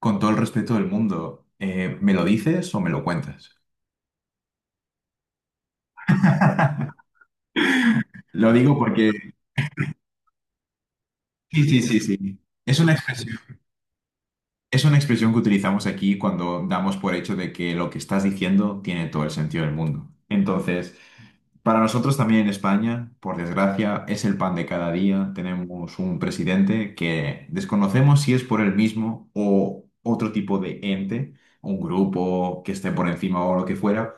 Con todo el respeto del mundo, ¿me lo dices o me lo cuentas? Lo digo porque... Sí, sí, sí, sí. Es una expresión, es una expresión que utilizamos aquí cuando damos por hecho de que lo que estás diciendo tiene todo el sentido del mundo. Entonces, para nosotros también en España, por desgracia, es el pan de cada día. Tenemos un presidente que desconocemos si es por él mismo o otro tipo de ente, un grupo que esté por encima o lo que fuera.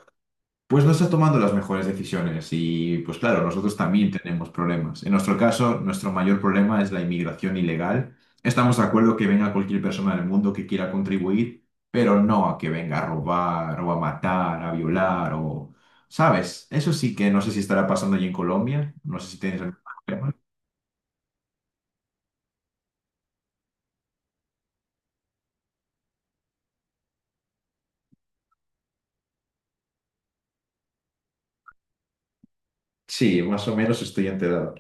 Pues no está tomando las mejores decisiones y pues claro, nosotros también tenemos problemas. En nuestro caso, nuestro mayor problema es la inmigración ilegal. Estamos de acuerdo que venga cualquier persona del mundo que quiera contribuir, pero no a que venga a robar o a matar, a violar o... ¿Sabes? Eso sí que no sé si estará pasando allí en Colombia. No sé si tienes algún problema. Sí, más o menos estoy enterado.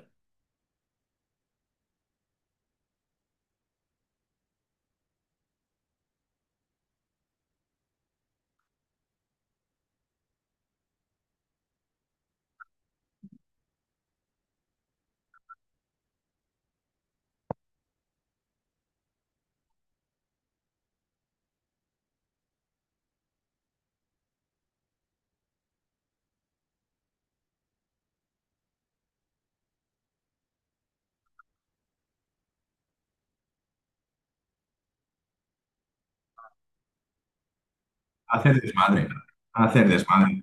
Hacer desmadre. Hacer desmadre.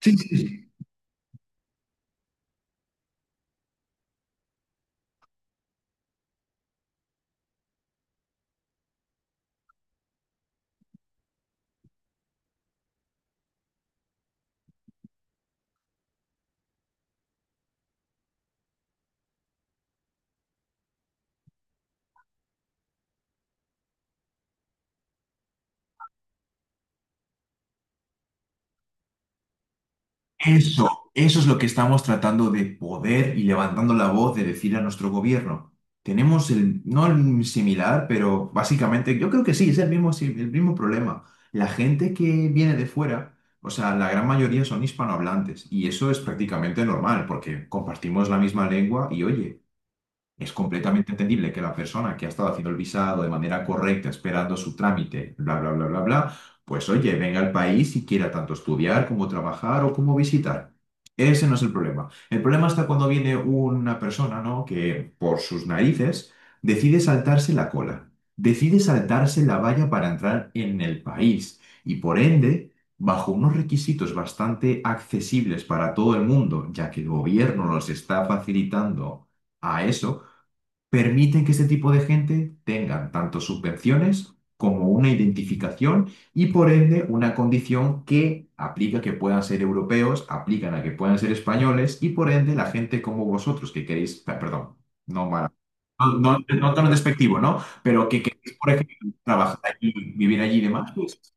Sí, sí, sí. Eso es lo que estamos tratando de poder y levantando la voz de decir a nuestro gobierno. Tenemos el, no el similar, pero básicamente yo creo que sí, es el mismo, el mismo problema. La gente que viene de fuera, o sea, la gran mayoría son hispanohablantes y eso es prácticamente normal porque compartimos la misma lengua y oye, es completamente entendible que la persona que ha estado haciendo el visado de manera correcta, esperando su trámite, bla, bla, bla, bla, bla, pues oye, venga al país y quiera tanto estudiar como trabajar o como visitar. Ese no es el problema. El problema está cuando viene una persona, ¿no? Que por sus narices decide saltarse la cola, decide saltarse la valla para entrar en el país y por ende, bajo unos requisitos bastante accesibles para todo el mundo, ya que el gobierno los está facilitando a eso, permiten que este tipo de gente tengan tanto subvenciones como una identificación y por ende una condición que aplica que puedan ser europeos, aplican a que puedan ser españoles y por ende la gente como vosotros que queréis, perdón, no mala. No, no, no tan despectivo, ¿no? Pero que queréis, por ejemplo, trabajar allí, vivir allí y demás, pues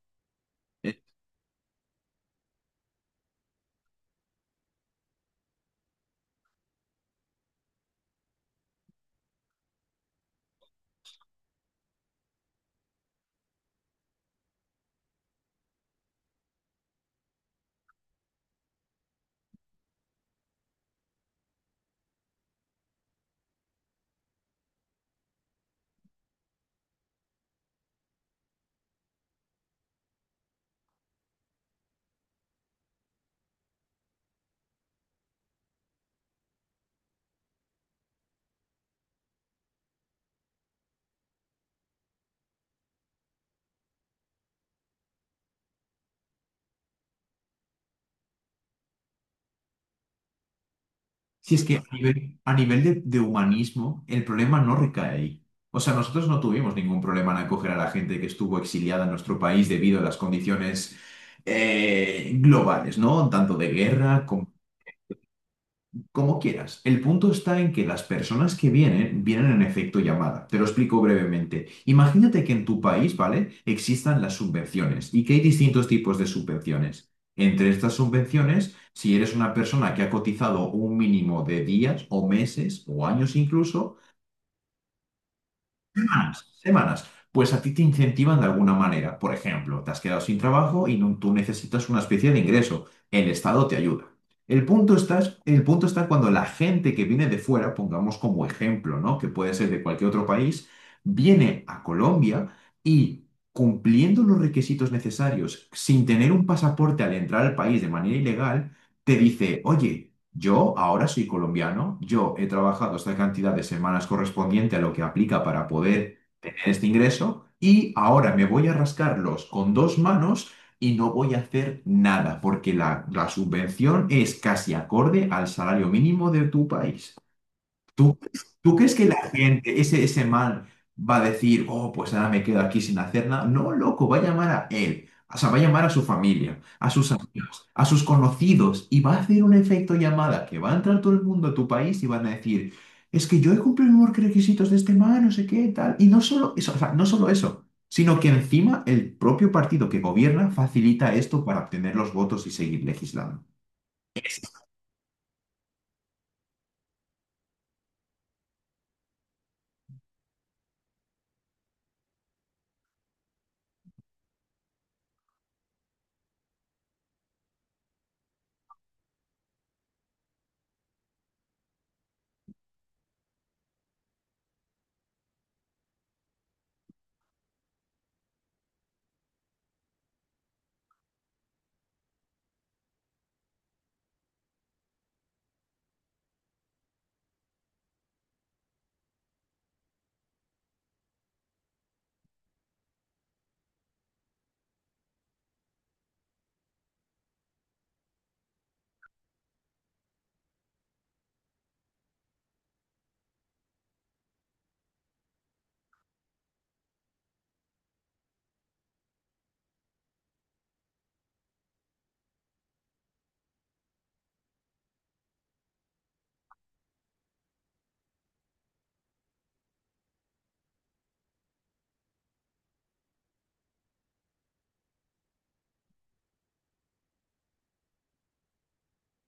si es que a nivel de humanismo, el problema no recae ahí. O sea, nosotros no tuvimos ningún problema en acoger a la gente que estuvo exiliada en nuestro país debido a las condiciones globales, ¿no? Tanto de guerra como como quieras. El punto está en que las personas que vienen, vienen en efecto llamada. Te lo explico brevemente. Imagínate que en tu país, ¿vale? Existan las subvenciones y que hay distintos tipos de subvenciones. Entre estas subvenciones, si eres una persona que ha cotizado un mínimo de días o meses o años incluso, semanas, semanas. Pues a ti te incentivan de alguna manera. Por ejemplo, te has quedado sin trabajo y tú necesitas una especie de ingreso. El Estado te ayuda. El punto está, el punto está cuando la gente que viene de fuera, pongamos como ejemplo, ¿no? Que puede ser de cualquier otro país, viene a Colombia y cumpliendo los requisitos necesarios, sin tener un pasaporte al entrar al país de manera ilegal, te dice, oye, yo ahora soy colombiano, yo he trabajado esta cantidad de semanas correspondiente a lo que aplica para poder tener este ingreso y ahora me voy a rascarlos con dos manos y no voy a hacer nada porque la subvención es casi acorde al salario mínimo de tu país. ¿Tú, tú crees que la gente, ese man, va a decir, oh, pues ahora me quedo aquí sin hacer nada? No, loco, va a llamar a él. O sea, va a llamar a su familia, a sus amigos, a sus conocidos y va a hacer un efecto llamada que va a entrar todo el mundo a tu país y van a decir, es que yo he cumplido los requisitos de este man, no sé qué, tal. Y no solo eso, o sea, no solo eso, sino que encima el propio partido que gobierna facilita esto para obtener los votos y seguir legislando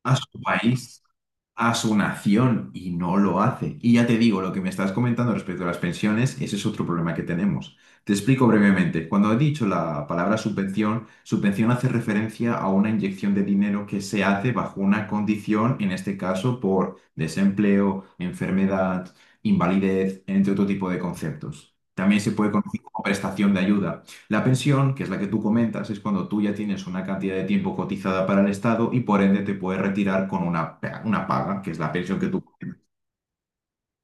a su país, a su nación y no lo hace. Y ya te digo, lo que me estás comentando respecto a las pensiones, ese es otro problema que tenemos. Te explico brevemente. Cuando he dicho la palabra subvención, subvención hace referencia a una inyección de dinero que se hace bajo una condición, en este caso por desempleo, enfermedad, invalidez, entre otro tipo de conceptos. También se puede conocer como prestación de ayuda. La pensión, que es la que tú comentas, es cuando tú ya tienes una cantidad de tiempo cotizada para el Estado y por ende te puedes retirar con una, una paga, que es la pensión que tú comentas.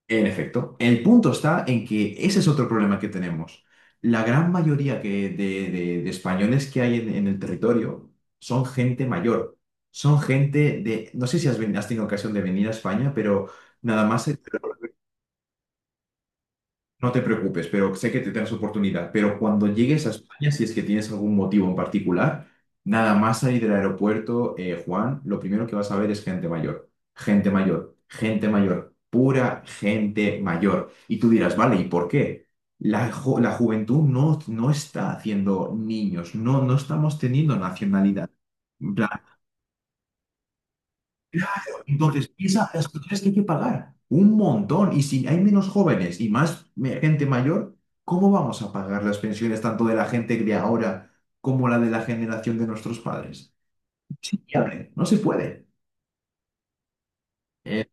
En efecto, el punto está en que ese es otro problema que tenemos. La gran mayoría de, de españoles que hay en el territorio son gente mayor. Son gente de, no sé si has, has tenido ocasión de venir a España, pero nada más. No te preocupes, pero sé que tendrás oportunidad. Pero cuando llegues a España, si es que tienes algún motivo en particular, nada más salir del aeropuerto, Juan, lo primero que vas a ver es gente mayor, gente mayor, gente mayor, pura gente mayor. Y tú dirás, vale, ¿y por qué? La, la juventud no, no está haciendo niños, no, no estamos teniendo nacionalidad. Claro, entonces piensa, las propiedades que hay que pagar, un montón. Y si hay menos jóvenes y más gente mayor, ¿cómo vamos a pagar las pensiones tanto de la gente de ahora como la de la generación de nuestros padres? Es no se puede. Eh,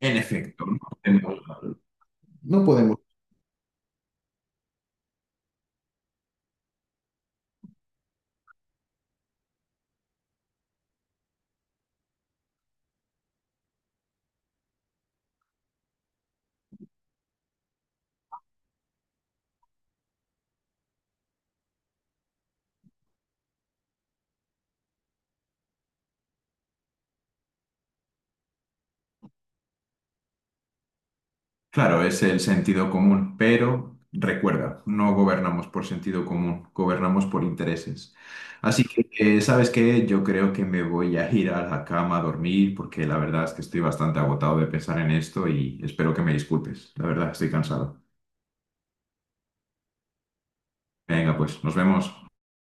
en efecto, no podemos, no podemos. Claro, es el sentido común, pero recuerda, no gobernamos por sentido común, gobernamos por intereses. Así que, ¿sabes qué? Yo creo que me voy a ir a la cama a dormir porque la verdad es que estoy bastante agotado de pensar en esto y espero que me disculpes. La verdad, estoy cansado. Venga, pues, nos vemos.